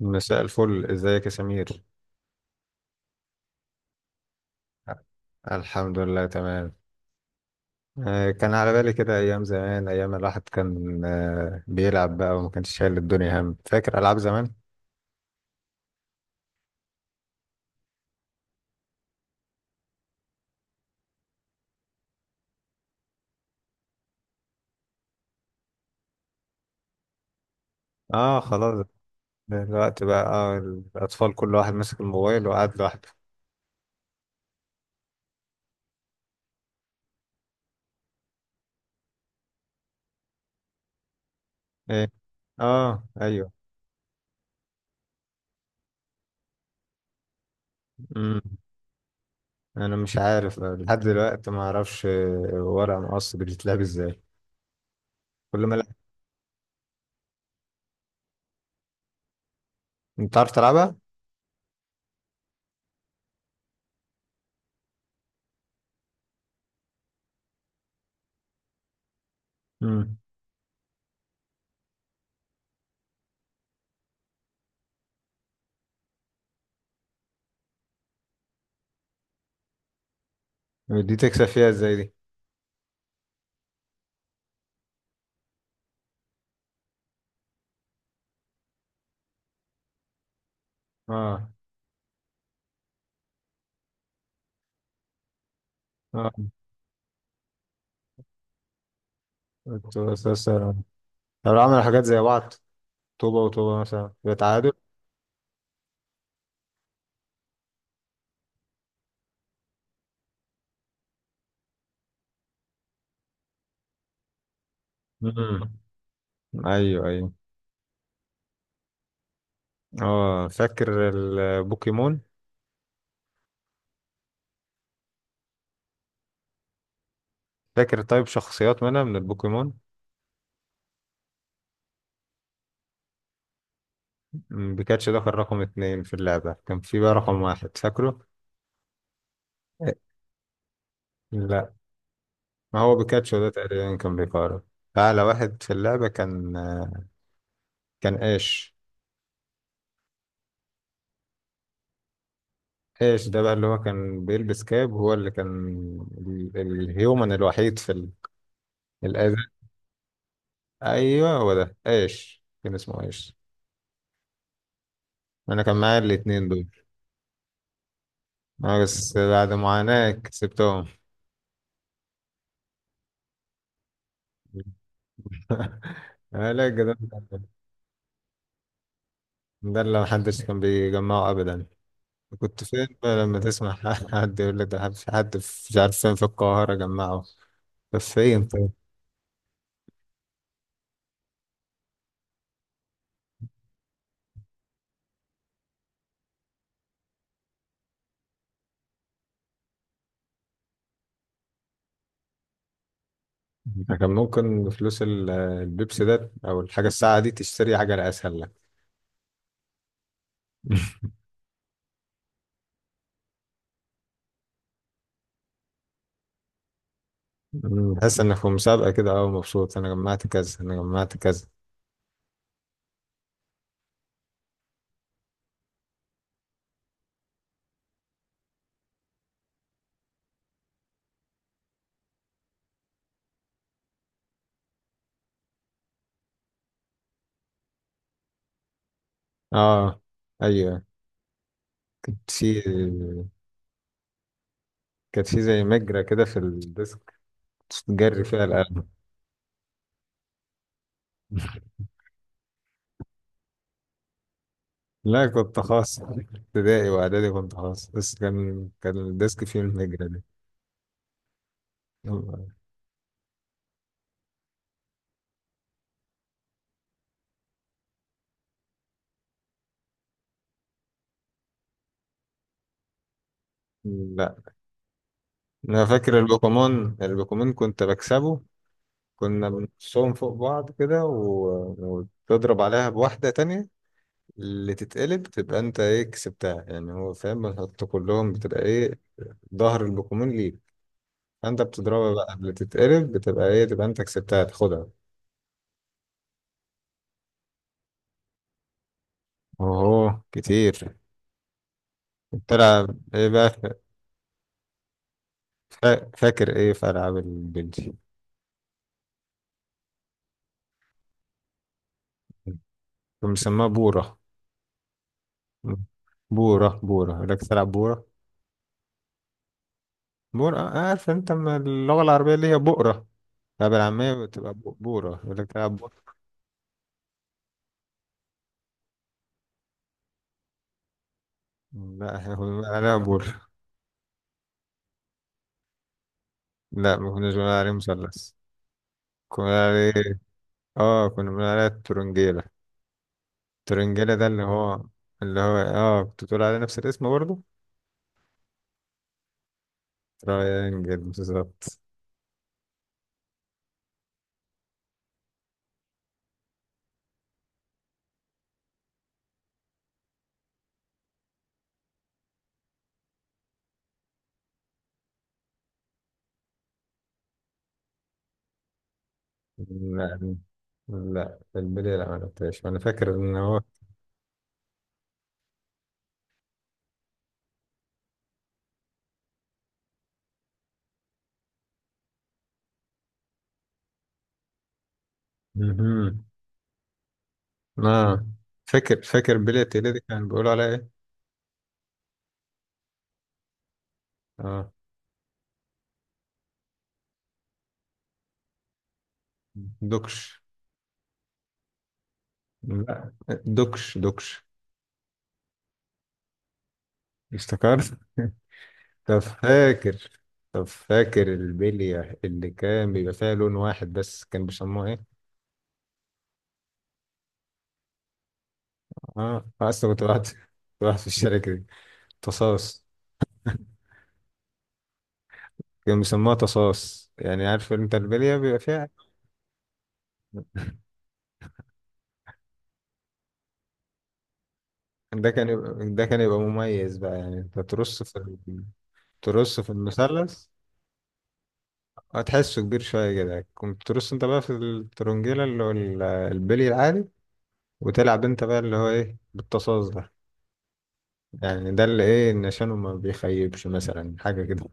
مساء الفل، ازيك يا سمير؟ الحمد لله تمام. كان على بالي كده، ايام زمان، ايام الواحد كان بيلعب بقى وما كانش شايل الدنيا هم. فاكر العاب زمان. اه، خلاص. دلوقتي بقى الاطفال كل واحد ماسك الموبايل وقاعد لوحده. ايه. اه ايوه. امم. انا مش عارف لحد دلوقتي ما اعرفش ورق مقص بتتلعب ازاي. كل ما لا. انت عارف تلعبها؟ امم. دي تكسب فيها ازاي دي؟ اه. اه، كنت لو عملوا حاجات زي بعض، طوبة وطوبة مثلا يبقى تعادل. امم. ايوه ايوه. اه، فاكر البوكيمون. فاكر طيب شخصيات منها من البوكيمون؟ مم، بيكاتشو ده كان رقم اتنين في اللعبة، كان في بقى رقم واحد، فاكره؟ لا. ما هو بيكاتشو ده تقريبا كان بيقارب أعلى واحد في اللعبة. كان، كان ايش؟ ايش ده بقى اللي هو كان بيلبس كاب، هو اللي كان الهيومن الوحيد في ال... الأز... ايوه هو ده. ايش كان اسمه ايش؟ انا كان معايا الاتنين دول. اه، بس بعد معاناة كسبتهم. لا، الجدال ده. ده اللي محدش كان بيجمعه ابدا. كنت فين بقى لما تسمع حد يقول لك ده، في حد مش عارف فين في القاهرة جمعه. طب فين طيب؟ ده كان ممكن فلوس البيبسي ده او الحاجة الساعة دي تشتري حاجة اسهل لك. مم، تحس انك في مسابقة كده، اه، مبسوط انا جمعت كذا، انا جمعت كذا. اه ايوه. كانت في كانت في زي مجرى كده في الديسك، جري فيها القلم. لا، كنت خاص، ابتدائي واعدادي كنت خاص، بس كان الديسك فيه الهجرة دي. لا. انا فاكر البوكيمون، البوكيمون كنت بكسبه. كنا بنقصهم فوق بعض كده، و... وتضرب عليها بواحدة تانية. اللي تتقلب تبقى انت ايه، كسبتها، يعني هو فاهم، بنحط كلهم بتبقى ايه، ظهر البوكيمون ليك. انت بتضربها بقى قبل تتقلب، بتبقى ايه، تبقى انت كسبتها، تاخدها. اوه كتير. بتلعب ايه بقى؟ فاكر ايه في العاب البنتي؟ كان مسماها بورة. بورة، بورة لك، تلعب بورة. بورة، عارف انت أما اللغة العربية اللي هي بؤرة، اللعبة العامية بتبقى بورة، يقول لك تلعب بورة. لا، احنا كنا بنقول عليها بورة. لا، ما كناش بنقول عليه مثلث. كنا بنقول عليه، اه، كنا بنقول عليه الترنجيلة. الترنجيلة، ده اللي هو اه، كنت بتقول عليه نفس الاسم برضه. ترينجل بالظبط. لا، لا البلي، لا، ما لعبتهاش، انا فاكر ان هو مهم. اه، فاكر بيلي التقيلة دي، كان بيقولوا عليها ايه؟ اه، دوكش. لا، دوكش دوكش. افتكرت. طب فاكر. طب فاكر البلية اللي كان بيبقى فيها لون واحد بس، كان بيسموها ايه؟ اه، اصلا كنت واحد. واحد في الشركة دي. تصاص. كان بيسموها تصاص، يعني عارف انت البلية بيبقى فيها. ده كان يبقى مميز بقى، يعني انت ترص في ترص في المثلث. هتحسه كبير شوية كده، كنت ترص انت بقى في الترنجيلة اللي هو البلي العادي، وتلعب انت بقى اللي هو ايه، بالتصاص ده. يعني ده اللي ايه، النشانه ما بيخيبش مثلا، حاجة كده.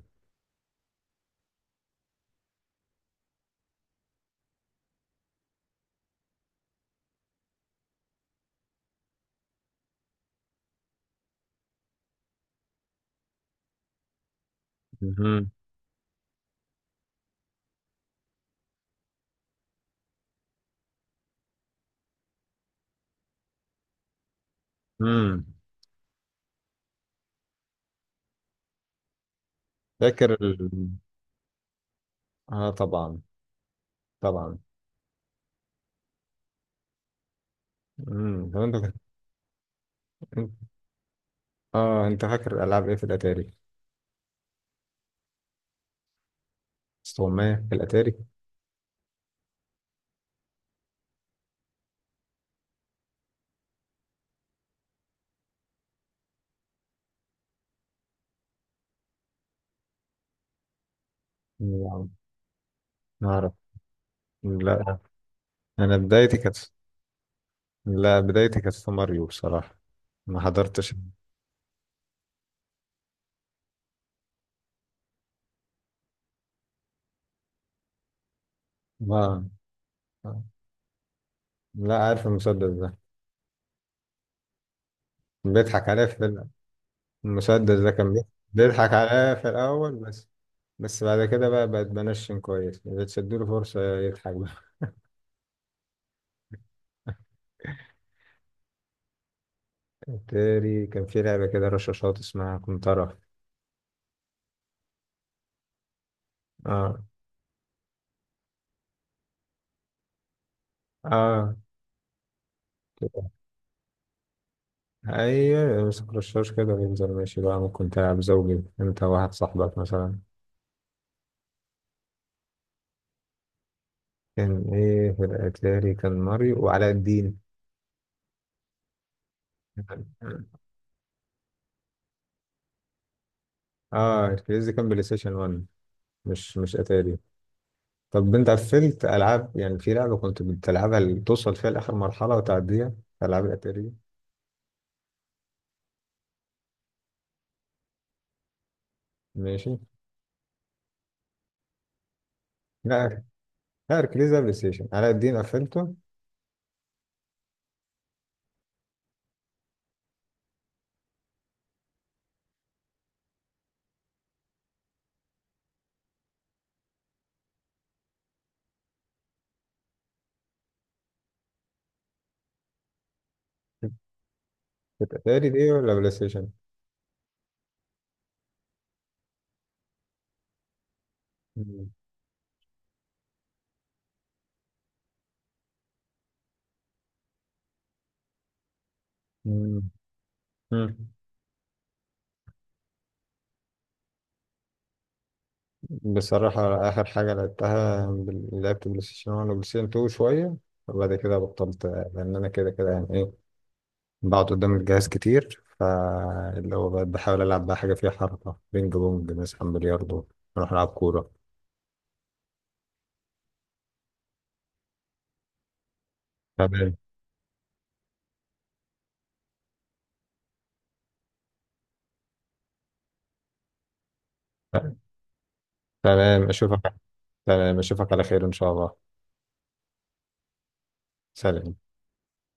مهم. مم. فاكر ال... اه طبعا، طبعا. مم. طب انت انت- اه، انت فاكر العاب ايه في الاتاري؟ استغماية في الاتاري؟ لا. نعرف. لا، انا بدايتي كانت، لا، بدايتي كانت في ماريو بصراحة، ما حضرتش. اه. لا، عارف المسدس ده. بيضحك عليها في. المسدس ده بيضحك عليها في الأول بس. بس بعد كده بقى بقت بنشن كويس، بتديله فرصة يضحك بقى. تاني كان في لعبة كده رشاشات اسمها كنترة. اه. اه، ايوه، يمسك رشاش كده وينزل ماشي بقى، ممكن تلعب زوجي انت وواحد صاحبك مثلا. كان ايه في الاتاري؟ كان ماريو وعلاء الدين. اه، الكريزي كان بلاي ستيشن 1، مش اتاري. طب انت قفلت العاب، يعني في لعبه كنت بتلعبها اللي توصل فيها لاخر مرحله وتعديها، العاب الاتاري؟ ماشي. لا، لا اركليز ده بلاي ستيشن، علاء الدين قفلته. كانت اتاري دي ولا بلاي ستيشن؟ مم. مم. مم. بصراحه، اخر حاجه لعبتها لعبت بلاي ستيشن 1 وبلاي ستيشن 2 شويه، وبعد كده بطلت لان انا كده كده، يعني ايه، بقعد قدام الجهاز كتير، فاللي هو بقى بحاول العب بقى حاجه فيها حركه، بينج بونج مثلا، بلياردو، نروح نلعب كوره. تمام. تمام، اشوفك. تمام، اشوفك على خير ان شاء الله. سلام.